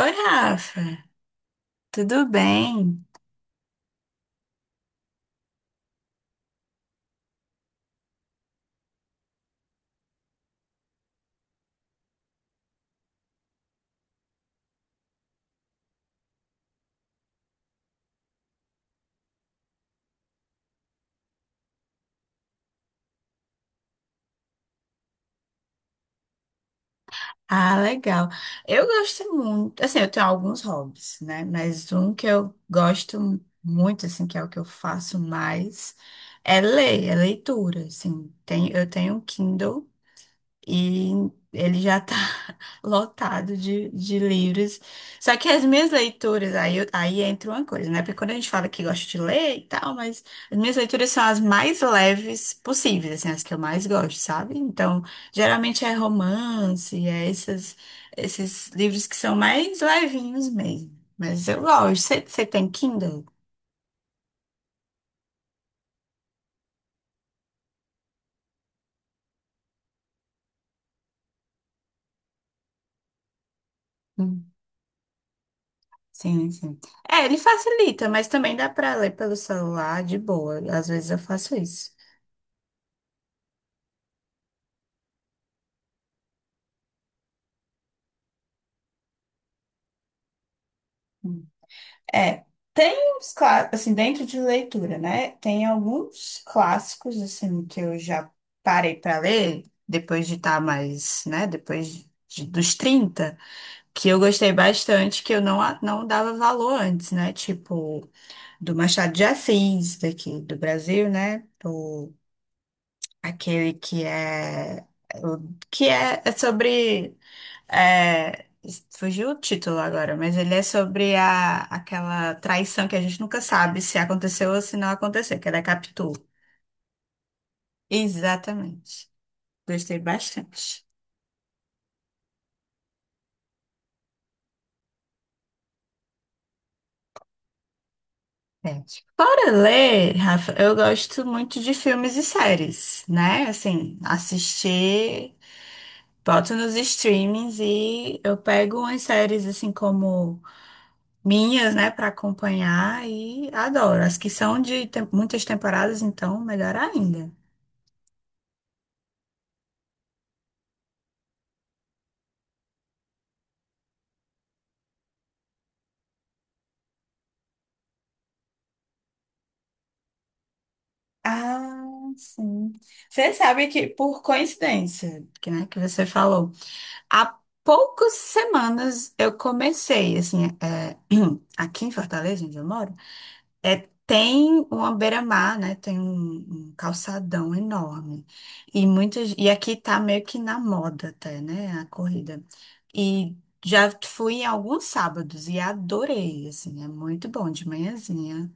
Oi, Rafa, tudo bem? Ah, legal. Eu gosto muito, assim, eu tenho alguns hobbies, né? Mas um que eu gosto muito, assim, que é o que eu faço mais, é leitura, assim. Eu tenho um Kindle. E ele já tá lotado de livros. Só que as minhas leituras, aí, aí entra uma coisa, né? Porque quando a gente fala que gosta de ler e tal, mas as minhas leituras são as mais leves possíveis, assim, as que eu mais gosto, sabe? Então, geralmente é romance, esses livros que são mais levinhos mesmo. Mas eu gosto. Você tem Kindle? Hum, Sim, sim. É, ele facilita, mas também dá pra ler pelo celular de boa. Às vezes eu faço isso. É, tem uns clássicos, assim, dentro de leitura, né? Tem alguns clássicos, assim, que eu já parei para ler, depois de estar mais, né, depois dos 30, que eu gostei bastante, que eu não dava valor antes, né? Tipo, do Machado de Assis, daqui do Brasil, né? Aquele que é, o- que é, é sobre é, fugiu o título agora, mas ele é sobre aquela traição que a gente nunca sabe se aconteceu ou se não aconteceu, que é da Capitu. Exatamente. Gostei bastante. É. Fora ler, Rafa, eu gosto muito de filmes e séries, né? Assim, assistir, boto nos streamings e eu pego umas séries assim como minhas, né, para acompanhar, e adoro. As que são muitas temporadas, então, melhor ainda. Ah, sim. Você sabe que, por coincidência, que, né, que você falou, há poucas semanas eu comecei, assim, aqui em Fortaleza, onde eu moro, tem uma beira-mar, né? Tem um calçadão enorme. E aqui tá meio que na moda até, né? A corrida. E já fui em alguns sábados e adorei, assim, é muito bom de manhãzinha.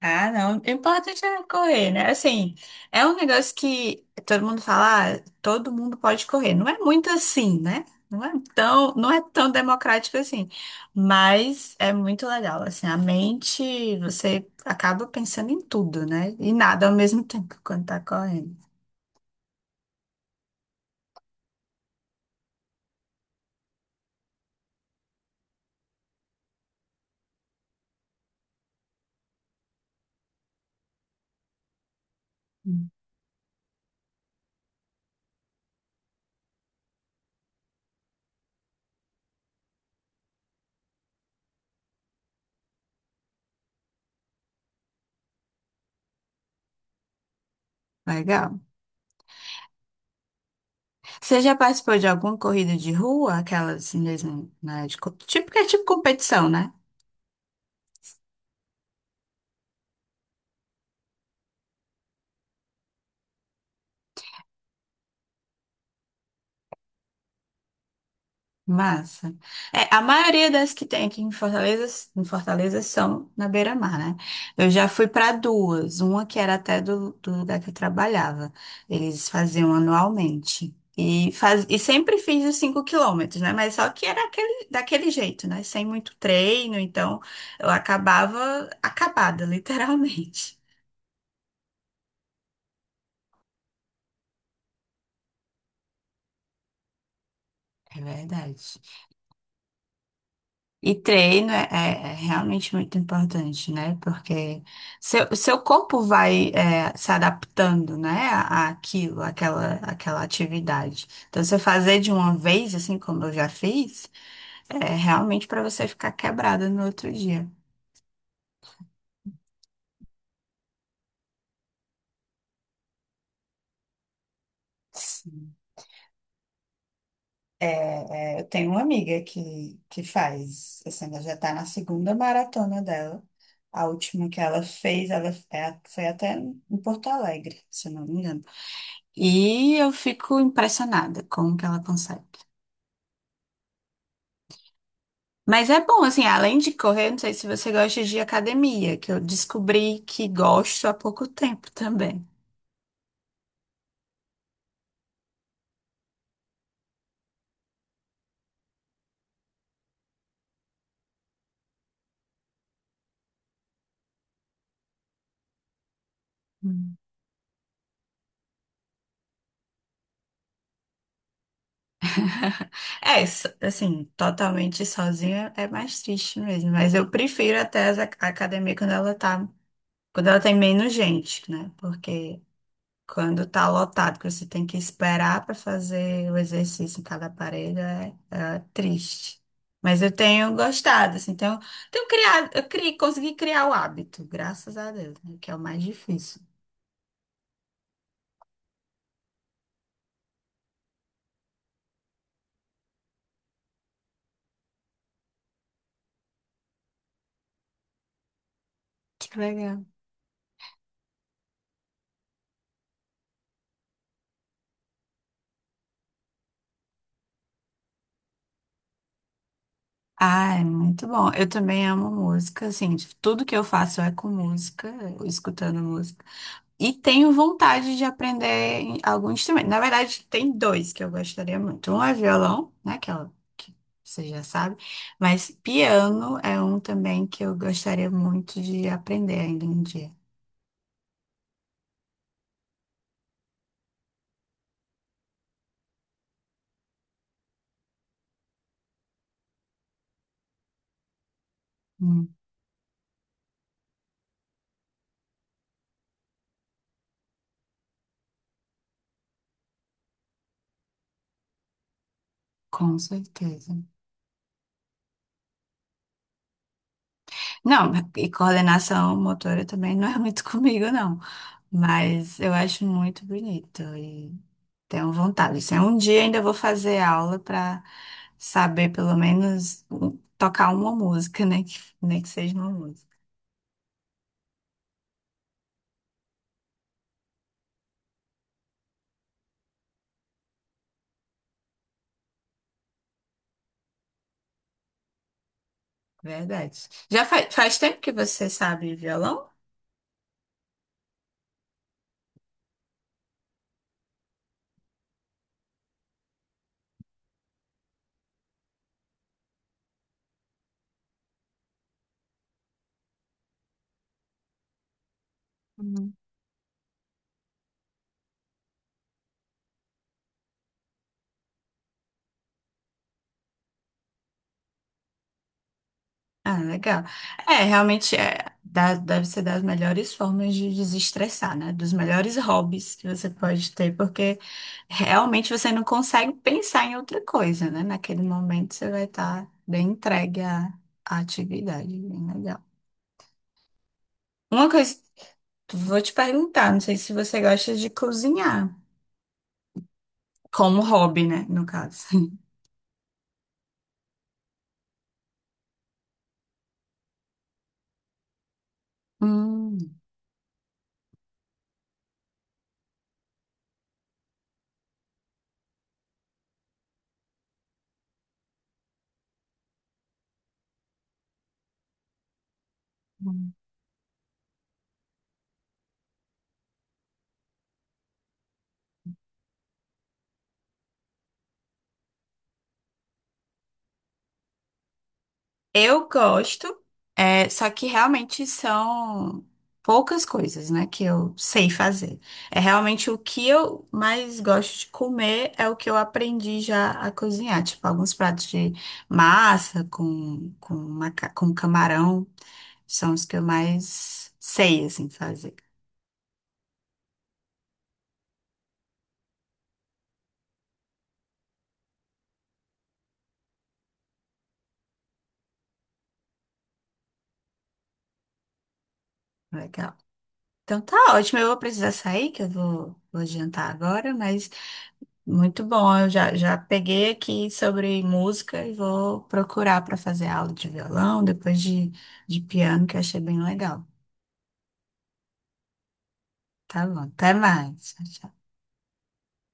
Ah, não. O importante é correr, né? Assim, é um negócio que todo mundo fala, ah, todo mundo pode correr. Não é muito assim, né? Não é tão democrático assim. Mas é muito legal. Assim, a mente, você acaba pensando em tudo, né? E nada ao mesmo tempo quando tá correndo. Hum. Legal. Você já participou de alguma corrida de rua? Aquelas mesmo, né? Tipo, que é tipo competição, né? Massa. É, a maioria das que tem aqui em Fortaleza, são na beira-mar, né? Eu já fui para duas, uma que era até do lugar que eu trabalhava. Eles faziam anualmente. E sempre fiz os 5 quilômetros, né? Mas só que era aquele, daquele jeito, né? Sem muito treino, então eu acabava acabada, literalmente. É verdade. E treino é realmente muito importante, né? Porque seu corpo vai se adaptando, né? Àquela atividade. Então, você fazer de uma vez, assim como eu já fiz, é realmente para você ficar quebrada no outro dia. Sim. Eu tenho uma amiga que faz, assim, ela já está na segunda maratona dela. A última que ela fez, ela foi até em Porto Alegre, se eu não me engano. E eu fico impressionada com o que ela consegue. Mas é bom, assim, além de correr, não sei se você gosta de academia, que eu descobri que gosto há pouco tempo também. Hum. É, assim, totalmente sozinha é mais triste mesmo, mas eu prefiro até a academia quando ela tem menos gente, né? Porque quando tá lotado, que você tem que esperar para fazer o exercício em cada aparelho, é triste. Mas eu tenho gostado, assim, tenho criado, eu criei, consegui criar o hábito, graças a Deus, né, que é o mais difícil. Que legal. Ah, é muito bom. Eu também amo música, assim, tudo que eu faço é com música, eu escutando música. E tenho vontade de aprender algum instrumento. Na verdade, tem dois que eu gostaria muito. Um é violão, né? Que você já sabe. Mas piano é um também que eu gostaria muito de aprender ainda um dia. Hum, com certeza. Não, e coordenação motora também não é muito comigo, não. Mas eu acho muito bonito. Tenho vontade. Assim, um dia ainda vou fazer aula para saber pelo menos tocar uma música, né? Que, nem que seja uma música. Verdade. Já faz tempo que você sabe violão? Hum. Ah, legal. É, realmente deve ser das melhores formas de desestressar, né? Dos melhores hobbies que você pode ter, porque realmente você não consegue pensar em outra coisa, né? Naquele momento você vai estar bem entregue à atividade, bem legal. Uma coisa, vou te perguntar, não sei se você gosta de cozinhar, como hobby, né? No caso. Hum. Eu gosto, só que realmente são poucas coisas, né, que eu sei fazer. É realmente o que eu mais gosto de comer é o que eu aprendi já a cozinhar, tipo alguns pratos de massa com camarão, são os que eu mais sei, assim, fazer. Legal. Então tá ótimo, eu vou precisar sair, que eu vou jantar agora, mas muito bom, eu já peguei aqui sobre música e vou procurar para fazer aula de violão, depois de piano, que eu achei bem legal. Tá bom, até mais. Tchau, tchau.